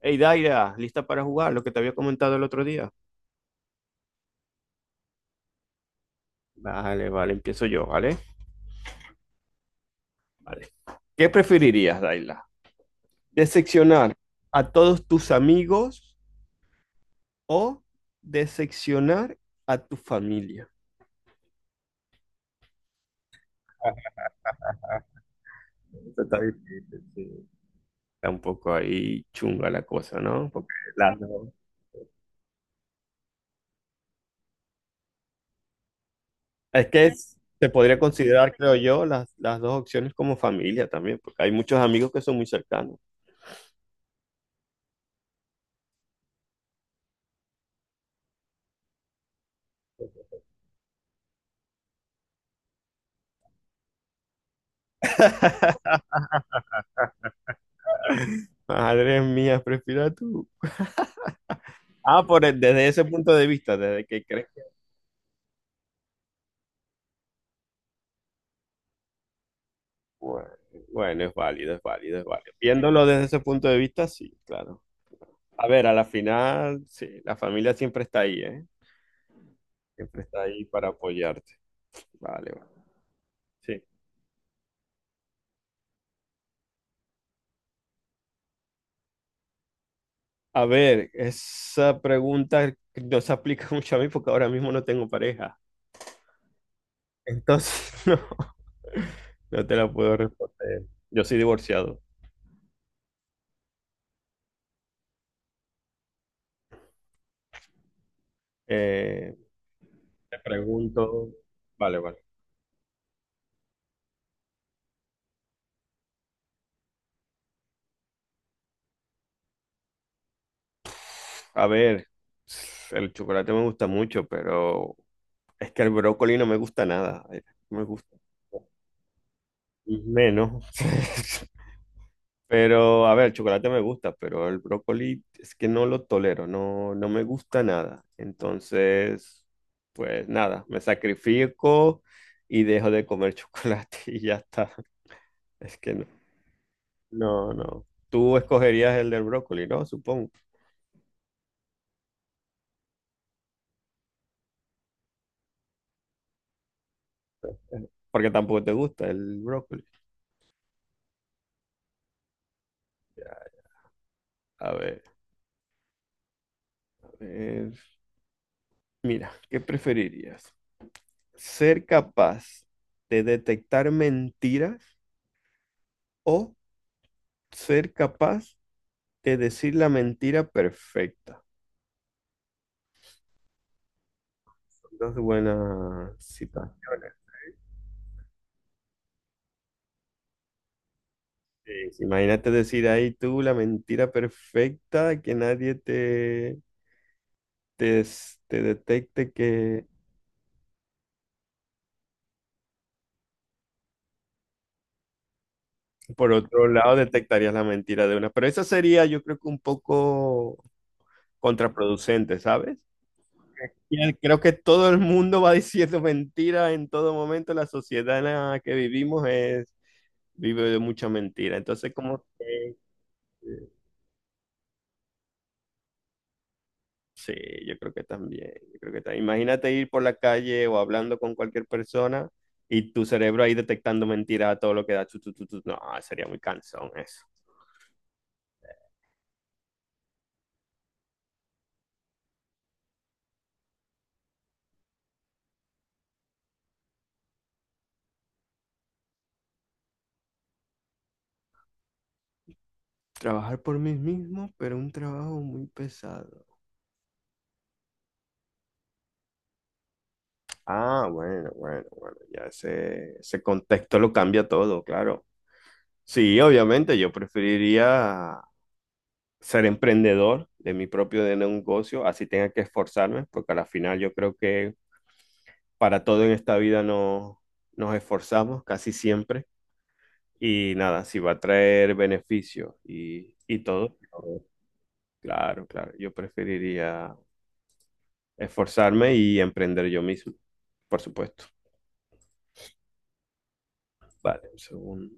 Hey, Daira, ¿lista para jugar? Lo que te había comentado el otro día. Vale, vale, empiezo yo, ¿vale? Vale. ¿Qué preferirías, Daira? ¿Decepcionar a todos tus amigos o decepcionar a tu familia? Esto Está difícil, sí. Está un poco ahí chunga la cosa, ¿no? Porque las dos. Es que se podría considerar, creo yo, las dos opciones como familia también, porque hay muchos amigos que son muy cercanos. Madre mía, prefiero a tú. Ah, desde ese punto de vista, desde que crees. Bueno, bueno, es válido, es válido, es válido. Viéndolo desde ese punto de vista, sí, claro. A ver, a la final, sí, la familia siempre está ahí, ¿eh? Siempre está ahí para apoyarte. Vale, vale. Sí. A ver, esa pregunta no se aplica mucho a mí porque ahora mismo no tengo pareja. Entonces, no, no te la puedo responder. Yo soy divorciado. Eh, Te pregunto, vale, vale. A ver, el chocolate me gusta mucho, pero es que el brócoli no me gusta nada. No me gusta menos. Pero, a ver, el chocolate me gusta, pero el brócoli es que no lo tolero, no, no me gusta nada. Entonces, pues nada, me sacrifico y dejo de comer chocolate y ya está. Es que no, no, no. Tú escogerías el del brócoli, ¿no? Supongo, porque tampoco te gusta el brócoli. A ver, a ver. Mira, ¿qué preferirías? ¿Ser capaz de detectar mentiras o ser capaz de decir la mentira perfecta? Dos buenas citas. Sí, sí, imagínate decir ahí tú la mentira perfecta, que nadie te detecte, que por otro lado detectarías la mentira de una. Pero esa sería, yo creo que un poco contraproducente, ¿sabes? Bien, creo que todo el mundo va diciendo mentiras en todo momento. La sociedad en la que vivimos vive de mucha mentira. Entonces, como que, sí, yo creo que también, yo creo que también. Imagínate ir por la calle o hablando con cualquier persona y tu cerebro ahí detectando mentiras a todo lo que da. Chu, chu, chu, chu. No, sería muy cansón eso. Trabajar por mí mismo, pero un trabajo muy pesado. Ah, bueno, bueno, bueno, ya ese contexto lo cambia todo, claro. Sí, obviamente, yo preferiría ser emprendedor de mi propio de negocio, así tenga que esforzarme, porque a la final yo creo que para todo en esta vida no, nos esforzamos casi siempre. Y nada, si va a traer beneficios y todo, claro, claro, yo preferiría esforzarme y emprender yo mismo, por supuesto. Vale, un segundo.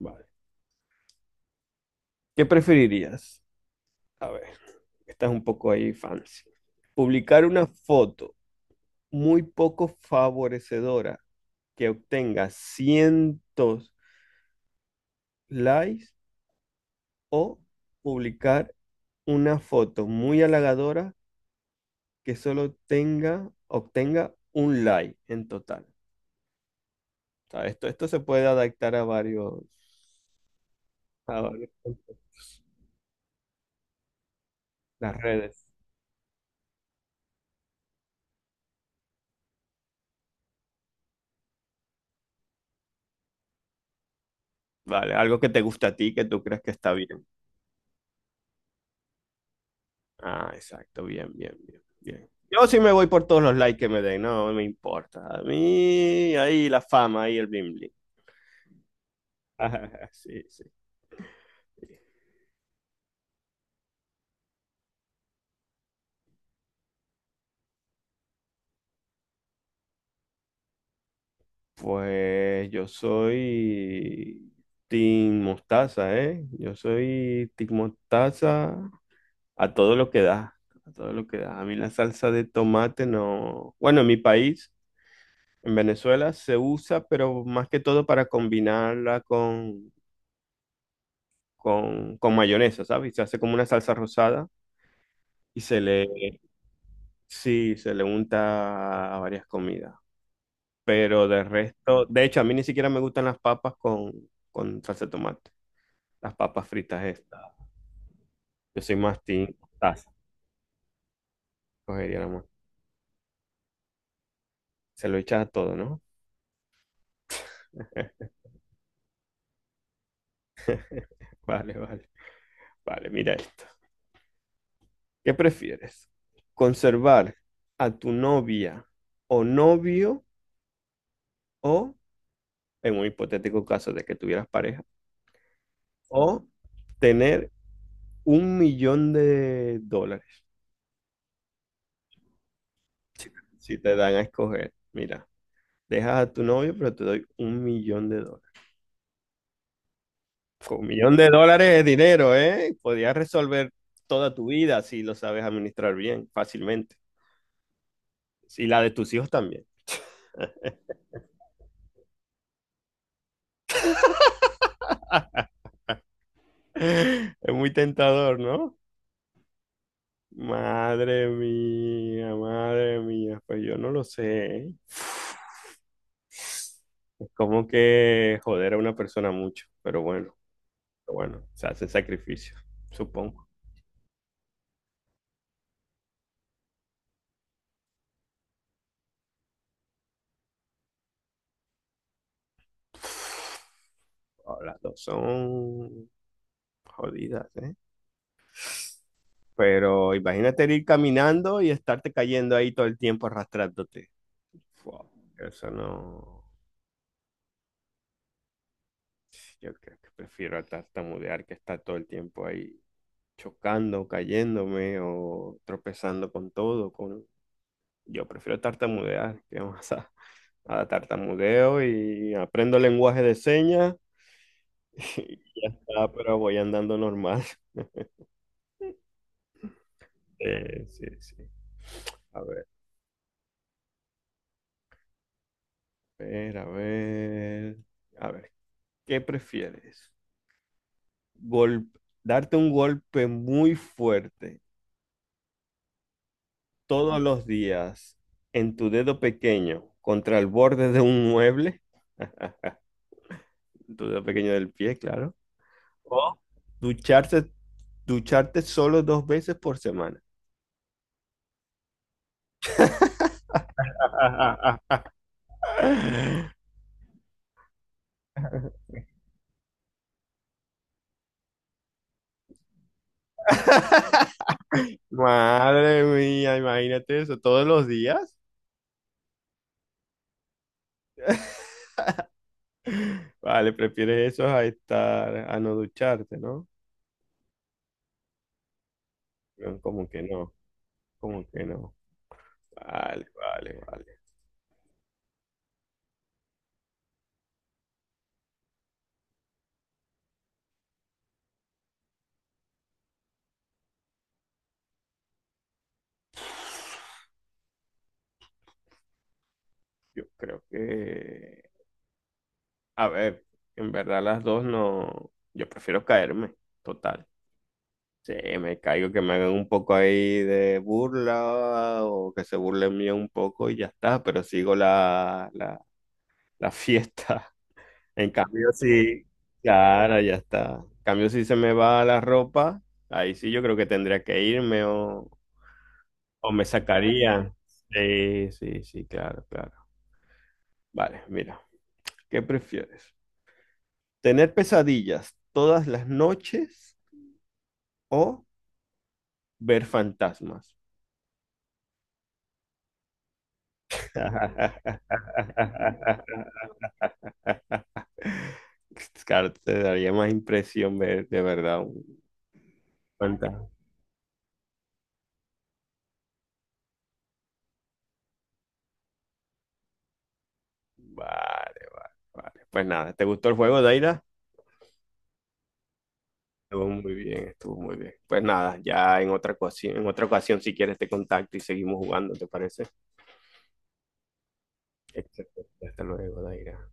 Vale. ¿Qué preferirías? A ver, esta es un poco ahí fancy. Publicar una foto muy poco favorecedora que obtenga cientos likes o publicar una foto muy halagadora que obtenga un like en total. O sea, esto se puede adaptar a varios, a varios- las redes. Vale, algo que te gusta a ti, que tú crees que está bien. Ah, exacto, bien, bien, bien, bien. Yo sí me voy por todos los likes que me den, no me importa. A mí, ahí la fama, ahí el bling bling. Sí, sí. Pues yo soy Team Mostaza, ¿eh? Yo soy Team Mostaza a todo lo que da, a todo lo que da. A mí la salsa de tomate no. Bueno, en mi país, en Venezuela, se usa, pero más que todo para combinarla con, con mayonesa, ¿sabes? Se hace como una salsa rosada y se le... Sí, se le unta a varias comidas. Pero de resto, de hecho, a mí ni siquiera me gustan las papas con salsa de tomate. Las papas fritas estas. Yo soy más team mostaza. Cogería la mostaza. Se lo echas a todo, ¿no? Vale, vale. Vale, mira esto. ¿Qué prefieres? ¿Conservar a tu novia o novio o, en un hipotético caso de que tuvieras pareja, o tener 1 millón de dólares si te dan a escoger? Mira, dejas a tu novio, pero te doy 1 millón de dólares. Con 1 millón de dólares es dinero, ¿eh? Podrías resolver toda tu vida si lo sabes administrar bien, fácilmente. Y la de tus hijos también. Es muy tentador, ¿no? Madre mía, pues yo no lo sé, ¿eh? Es como que joder a una persona mucho, pero bueno, se hacen sacrificios, supongo. Oh, las dos son jodidas, ¿eh? Pero imagínate ir caminando y estarte cayendo ahí todo el tiempo arrastrándote. Fua, eso no. Yo creo que prefiero tartamudear que estar todo el tiempo ahí chocando, cayéndome o tropezando con todo. Yo prefiero tartamudear, que vamos a tartamudeo y aprendo lenguaje de señas y ya está, pero voy andando normal. Sí, sí. A ver, a ver, a ver. A ver, ¿qué prefieres? Gol- Darte un golpe muy fuerte todos los días en tu dedo pequeño contra el borde de un mueble, tu dedo pequeño del pie, claro, o ducharse, ducharte solo dos veces por semana. Madre mía, imagínate eso, todos los días. Vale, prefieres eso a a no ducharte, ¿no? Como que no, como que no. Vale, vale, vale. Yo creo que... A ver, en verdad las dos no. Yo prefiero caerme, total. Sí, me caigo, que me hagan un poco ahí de burla o que se burlen mío un poco y ya está, pero sigo la fiesta. En cambio, sí, claro, ya está. En cambio, si se me va la ropa, ahí sí yo creo que tendría que irme o me sacarían. Sí, sí, sí, claro, claro. Vale, mira, ¿qué prefieres? ¿Tener pesadillas todas las noches o ver fantasmas? Claro, te daría más impresión ver de verdad un fantasma. Vale, vale, vale. Pues nada, ¿te gustó el juego, Daira? Estuvo muy bien, estuvo muy bien. Pues nada, ya en otra ocasión, si quieres te contacto y seguimos jugando, ¿te parece? Excelente. Hasta luego, Daira.